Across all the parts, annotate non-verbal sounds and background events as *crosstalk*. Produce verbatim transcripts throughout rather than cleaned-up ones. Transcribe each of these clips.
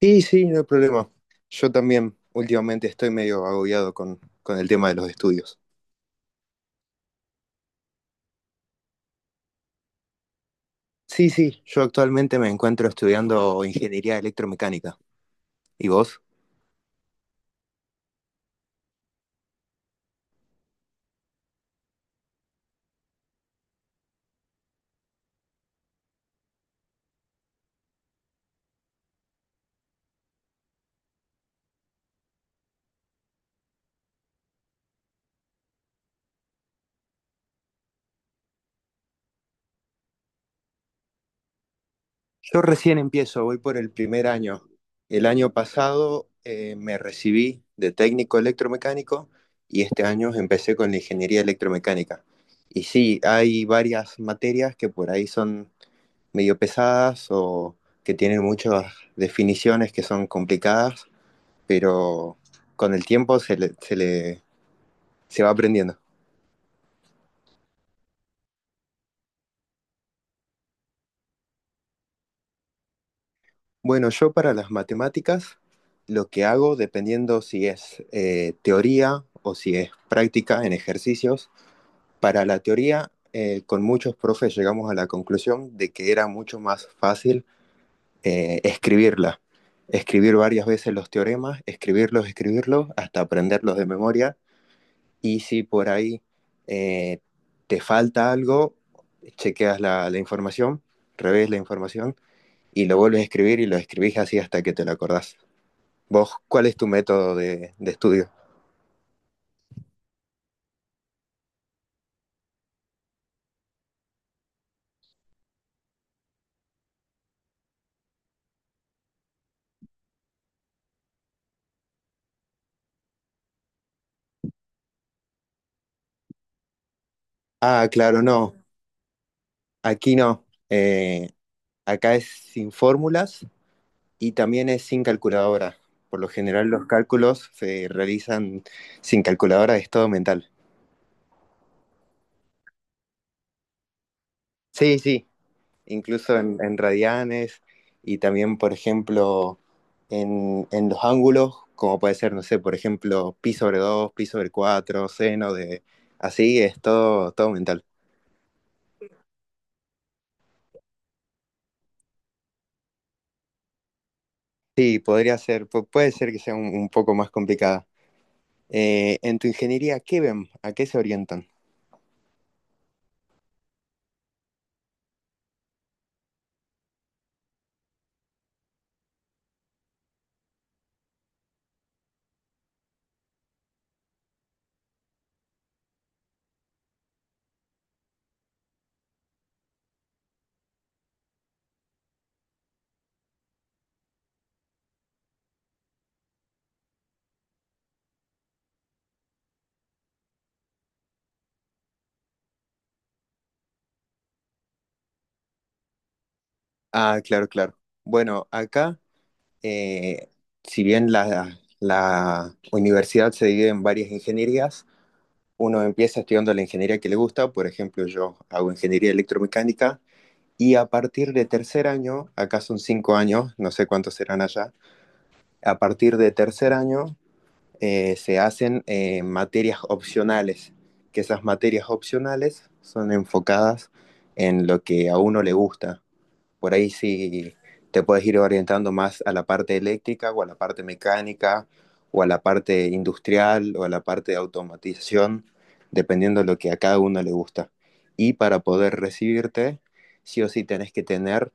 Sí, sí, no hay problema. Yo también últimamente estoy medio agobiado con, con el tema de los estudios. Sí, sí, yo actualmente me encuentro estudiando ingeniería electromecánica. ¿Y vos? Yo recién empiezo, voy por el primer año. El año pasado eh, me recibí de técnico electromecánico y este año empecé con la ingeniería electromecánica. Y sí, hay varias materias que por ahí son medio pesadas o que tienen muchas definiciones que son complicadas, pero con el tiempo se le, se le se va aprendiendo. Bueno, yo para las matemáticas lo que hago, dependiendo si es eh, teoría o si es práctica en ejercicios, para la teoría eh, con muchos profes llegamos a la conclusión de que era mucho más fácil eh, escribirla, escribir varias veces los teoremas, escribirlos, escribirlos, hasta aprenderlos de memoria. Y si por ahí eh, te falta algo, chequeas la, la información, revés la información y lo vuelves a escribir y lo escribís así hasta que te lo acordás. ¿Vos cuál es tu método de, de estudio? Ah, claro, no, aquí no. Eh, acá es sin fórmulas y también es sin calculadora. Por lo general los cálculos se realizan sin calculadora, es todo mental. Sí, sí, incluso en, en radianes y también, por ejemplo, en, en, los ángulos, como puede ser, no sé, por ejemplo, pi sobre dos pi sobre cuatro seno de... Así es todo, todo mental. Sí, podría ser, pu- puede ser que sea un, un poco más complicada. Eh, en tu ingeniería, ¿qué ven? ¿A qué se orientan? Ah, claro, claro. Bueno, acá, eh, si bien la, la universidad se divide en varias ingenierías, uno empieza estudiando la ingeniería que le gusta. Por ejemplo, yo hago ingeniería electromecánica y a partir de tercer año, acá son cinco años, no sé cuántos serán allá, a partir de tercer año eh, se hacen eh, materias opcionales, que esas materias opcionales son enfocadas en lo que a uno le gusta. Por ahí sí te puedes ir orientando más a la parte eléctrica o a la parte mecánica o a la parte industrial o a la parte de automatización, dependiendo de lo que a cada uno le gusta. Y para poder recibirte, sí o sí tenés que tener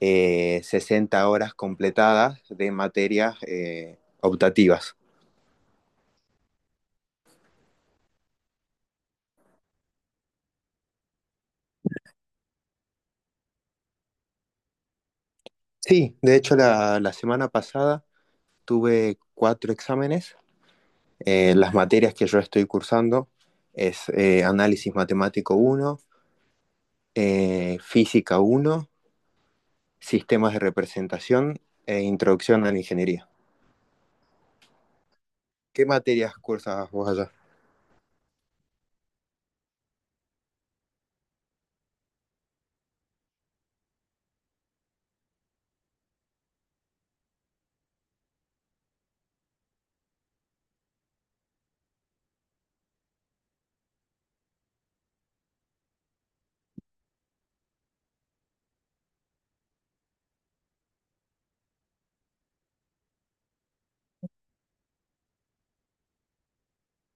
eh, sesenta horas completadas de materias eh, optativas. Sí, de hecho la, la semana pasada tuve cuatro exámenes. Eh, las materias que yo estoy cursando es eh, análisis matemático uno. eh, Física uno, Sistemas de Representación e Introducción a la Ingeniería. ¿Qué materias cursas vos allá?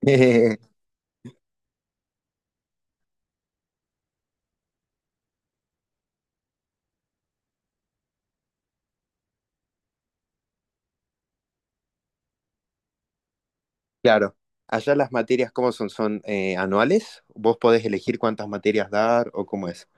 *laughs* Claro, allá las materias, ¿cómo son? ¿Son eh, anuales? ¿Vos podés elegir cuántas materias dar o cómo es?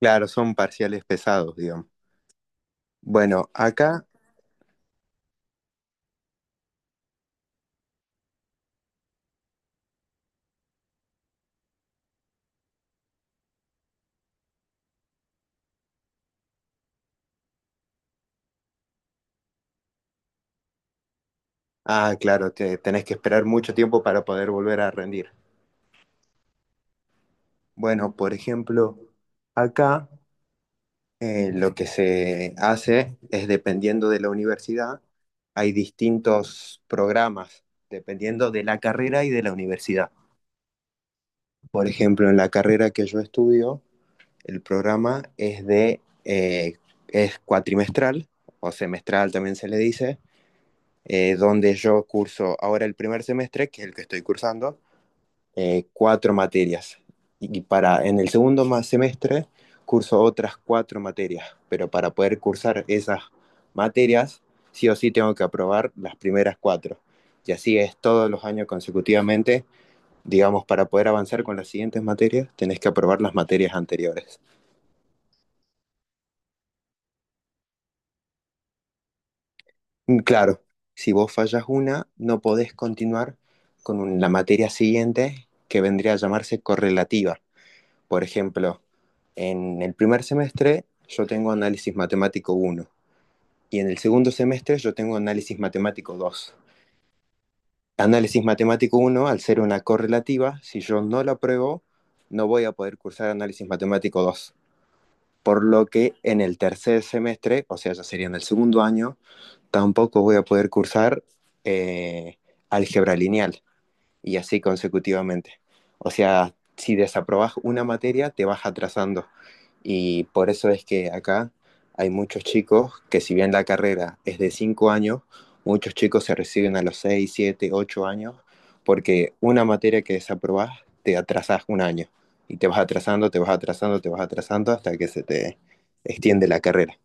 Claro, son parciales pesados, digamos. Bueno, acá, ah, claro, te, tenés que esperar mucho tiempo para poder volver a rendir. Bueno, por ejemplo, acá Eh, lo que se hace es dependiendo de la universidad, hay distintos programas dependiendo de la carrera y de la universidad. Por ejemplo, en la carrera que yo estudio, el programa es de eh, es cuatrimestral o semestral también se le dice. Eh, donde yo curso ahora el primer semestre, que es el que estoy cursando, eh, cuatro materias. Y y para en el segundo ma- semestre curso otras cuatro materias, pero para poder cursar esas materias, sí o sí tengo que aprobar las primeras cuatro. Y así es todos los años consecutivamente, digamos, para poder avanzar con las siguientes materias, tenés que aprobar las materias anteriores. Mm, Claro, si vos fallas una, no podés continuar con un- la materia siguiente, que vendría a llamarse correlativa. Por ejemplo, en el primer semestre yo tengo análisis matemático uno y en el segundo semestre yo tengo análisis matemático dos. Análisis matemático uno, al ser una correlativa, si yo no la apruebo, no voy a poder cursar análisis matemático dos. Por lo que en el tercer semestre, o sea, ya sería en el segundo año, tampoco voy a poder cursar eh, álgebra lineal, y así consecutivamente. O sea, si desaprobas una materia, te vas atrasando. Y por eso es que acá hay muchos chicos que, si bien la carrera es de cinco años, muchos chicos se reciben a los seis siete ocho años, porque una materia que desaprobás te atrasás un año. Y te vas atrasando, te vas atrasando, te vas atrasando hasta que se te extiende la carrera.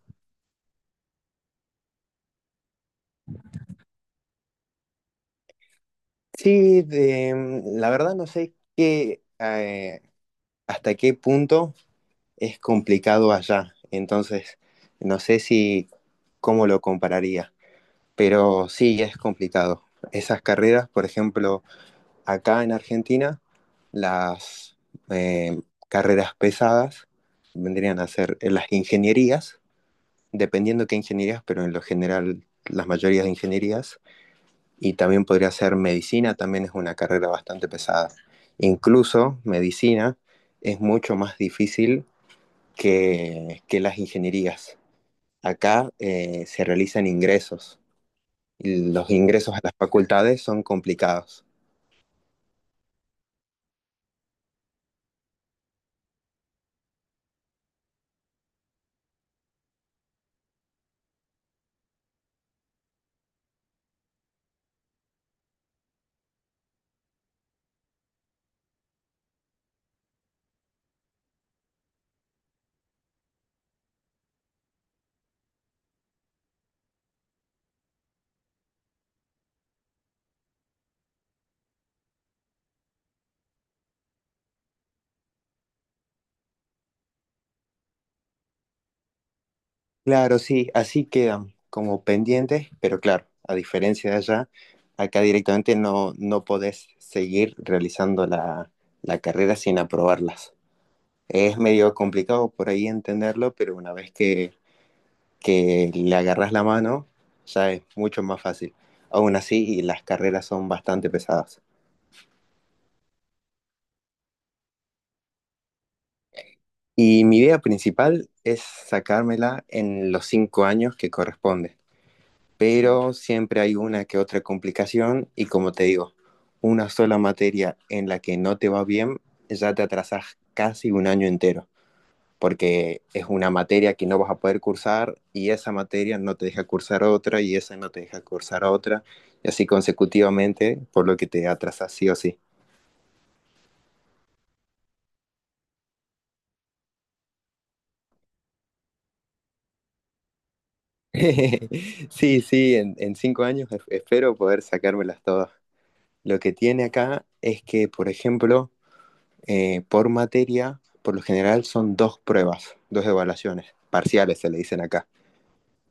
Sí, de- mm, la verdad no sé qué, eh, hasta qué punto es complicado allá. Entonces, no sé si cómo lo compararía, pero sí es complicado. Esas carreras, por ejemplo, acá en Argentina, las eh, carreras pesadas vendrían a ser las ingenierías, dependiendo qué ingenierías, pero en lo general las mayorías de ingenierías, y también podría ser medicina, también es una carrera bastante pesada. Incluso medicina es mucho más difícil que, que las ingenierías. Acá eh, se realizan ingresos y los ingresos a las facultades son complicados. Claro, sí, así quedan como pendientes, pero claro, a diferencia de allá, acá directamente no, no podés seguir realizando la, la carrera sin aprobarlas. Es medio complicado por ahí entenderlo, pero una vez que, que le agarras la mano, ya es mucho más fácil. Aún así, las carreras son bastante pesadas. Y mi idea principal es sacármela en los cinco años que corresponde. Pero siempre hay una que otra complicación y como te digo, una sola materia en la que no te va bien, ya te atrasas casi un año entero, porque es una materia que no vas a poder cursar y esa materia no te deja cursar otra y esa no te deja cursar otra y así consecutivamente, por lo que te atrasas sí o sí. *laughs* Sí, sí, en, en cinco años es- espero poder sacármelas todas. Lo que tiene acá es que, por ejemplo, eh, por materia, por lo general son dos pruebas, dos evaluaciones, parciales se le dicen acá,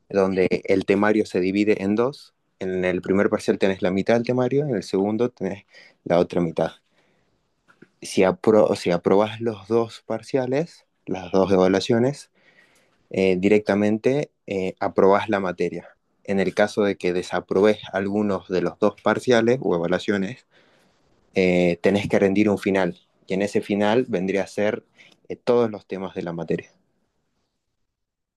donde el temario se divide en dos. En el primer parcial tenés la mitad del temario, en el segundo tenés la otra mitad. Si, apro si aprobás los dos parciales, las dos evaluaciones, eh, directamente eh, aprobás la materia. En el caso de que desaprobes algunos de los dos parciales o evaluaciones, eh, tenés que rendir un final. Y en ese final vendría a ser eh, todos los temas de la materia.